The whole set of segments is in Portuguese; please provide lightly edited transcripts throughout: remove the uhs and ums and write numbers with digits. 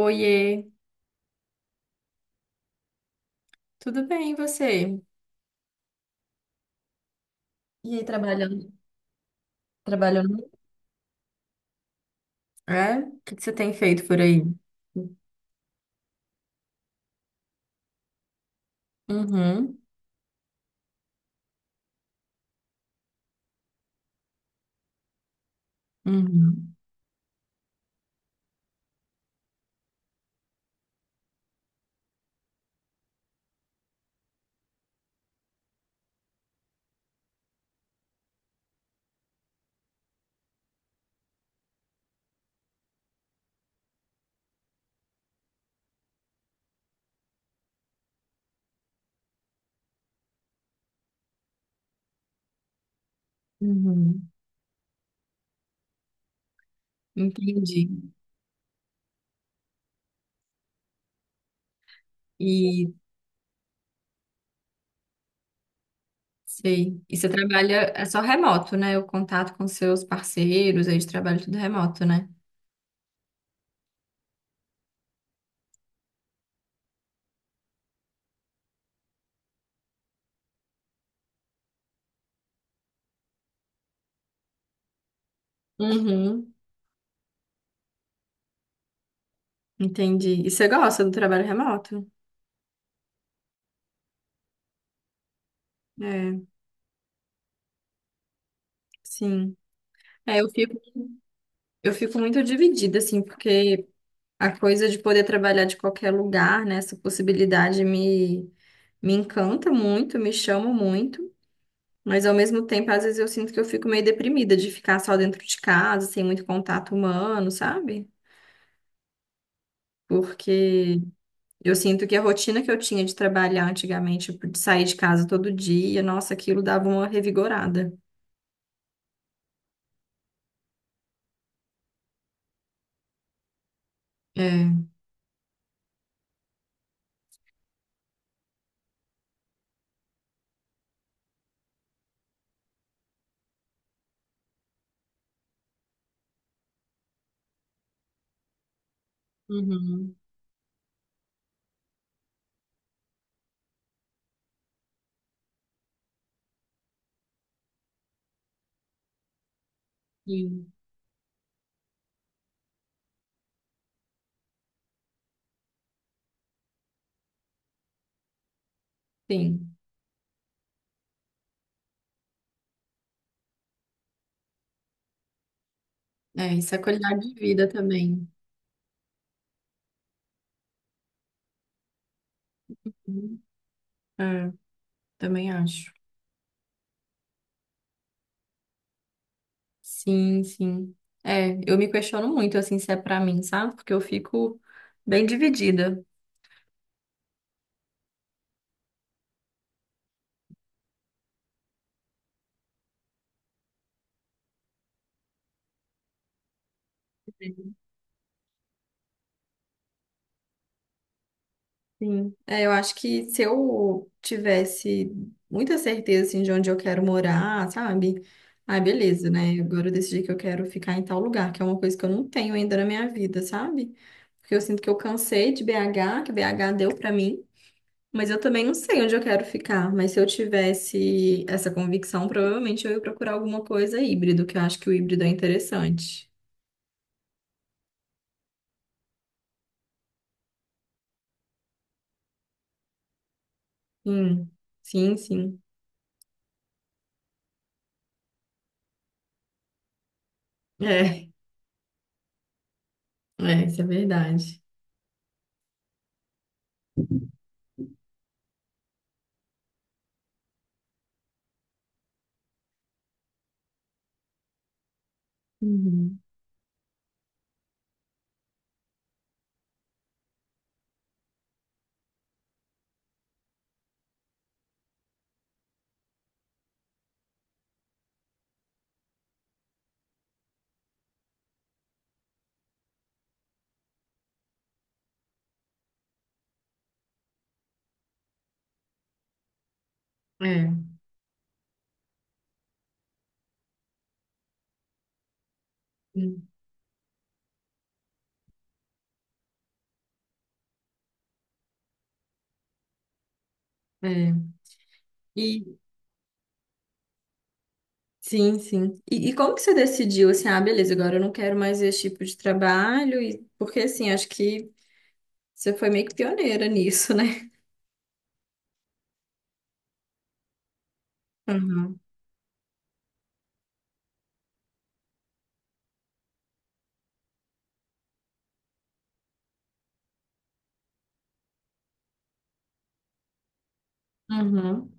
Oiê, tudo bem, e você? E aí, trabalhando, trabalhando. É? O que que você tem feito por aí? Uhum, uhum, uhum. Entendi. E sei. E você trabalha é só remoto, né? O contato com seus parceiros aí de trabalho tudo remoto, né? Uhum, entendi. E você gosta do trabalho remoto? É, sim. É, eu fico muito dividida, assim, porque a coisa de poder trabalhar de qualquer lugar, né? Essa possibilidade me, me encanta muito, me chama muito, mas ao mesmo tempo, às vezes eu sinto que eu fico meio deprimida de ficar só dentro de casa, sem muito contato humano, sabe? Porque eu sinto que a rotina que eu tinha de trabalhar antigamente, tipo, de sair de casa todo dia, nossa, aquilo dava uma revigorada. É. Uhum. Sim, sim. É, isso é qualidade de vida também. Uhum. É, também acho. Sim, sim. É, eu me questiono muito, assim, se é pra mim, sabe? Porque eu fico bem dividida. Sim. É, eu acho que se eu tivesse muita certeza, assim, de onde eu quero morar, sabe? Ah, beleza, né? Agora eu decidi que eu quero ficar em tal lugar, que é uma coisa que eu não tenho ainda na minha vida, sabe? Porque eu sinto que eu cansei de BH, que BH deu pra mim. Mas eu também não sei onde eu quero ficar. Mas se eu tivesse essa convicção, provavelmente eu ia procurar alguma coisa híbrido, que eu acho que o híbrido é interessante. Sim, sim, sim. É, é, isso é verdade. Uhum. É, hum, é. E sim, sim. E como que você decidiu assim, ah, beleza, agora eu não quero mais esse tipo de trabalho? E, porque assim, acho que você foi meio que pioneira nisso, né? Uhum. Uhum.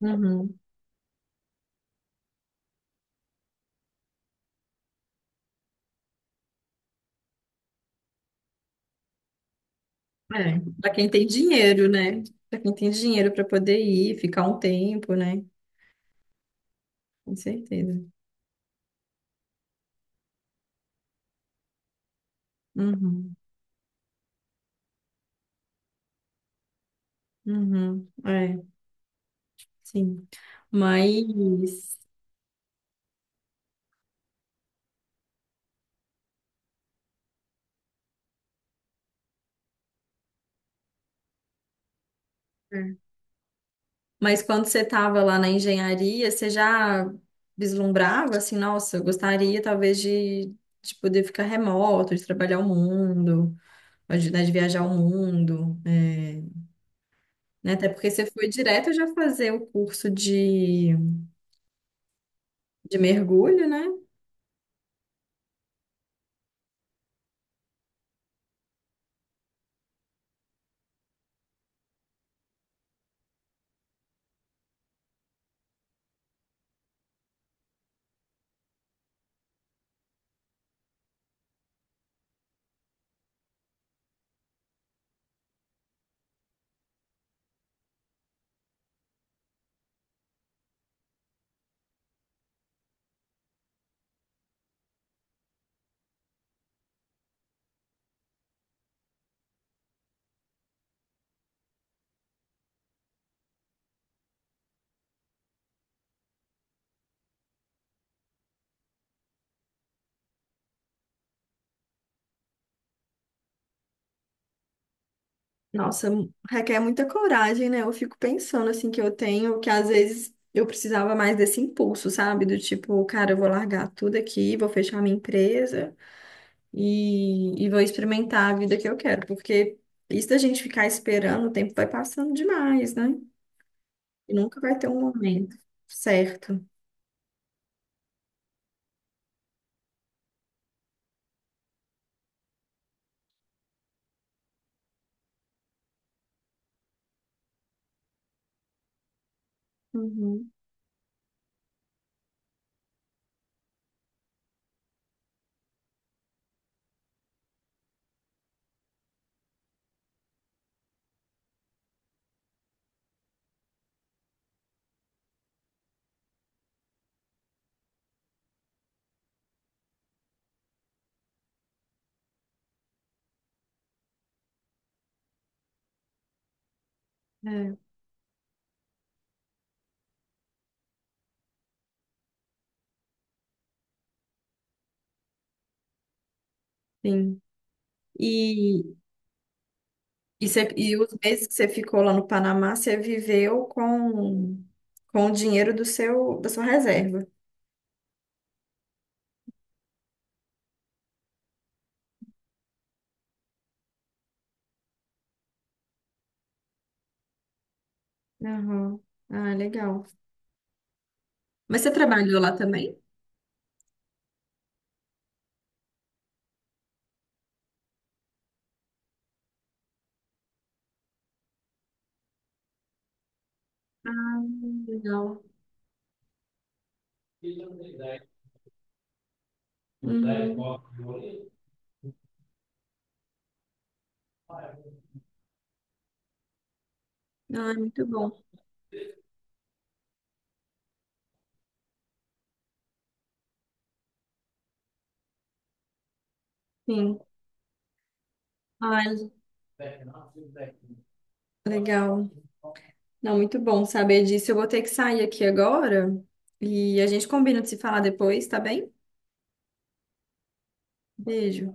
Uhum. É, para quem tem dinheiro, né? Para quem tem dinheiro para poder ir, ficar um tempo, né? Com certeza. Uhum, uhum, é, sim. Mas, é, mas quando você estava lá na engenharia, você já vislumbrava assim, nossa, eu gostaria talvez de poder ficar remoto, de trabalhar o mundo, de, né, de viajar o mundo, é, né? Até porque você foi direto já fazer o curso de mergulho, né? Nossa, requer muita coragem, né? Eu fico pensando assim que eu tenho, que às vezes eu precisava mais desse impulso, sabe? Do tipo, cara, eu vou largar tudo aqui, vou fechar minha empresa e vou experimentar a vida que eu quero, porque isso da gente ficar esperando, o tempo vai passando demais, né? E nunca vai ter um momento certo. Uhum. É, sim. E, e os meses que você ficou lá no Panamá, você viveu com o dinheiro do seu, da sua reserva. Aham. Ah, legal. Mas você trabalhou lá também? Legal. Uhum. Ah, muito bom. Sim. Ai, legal. Não, muito bom saber disso. Eu vou ter que sair aqui agora e a gente combina de se falar depois, tá bem? Beijo.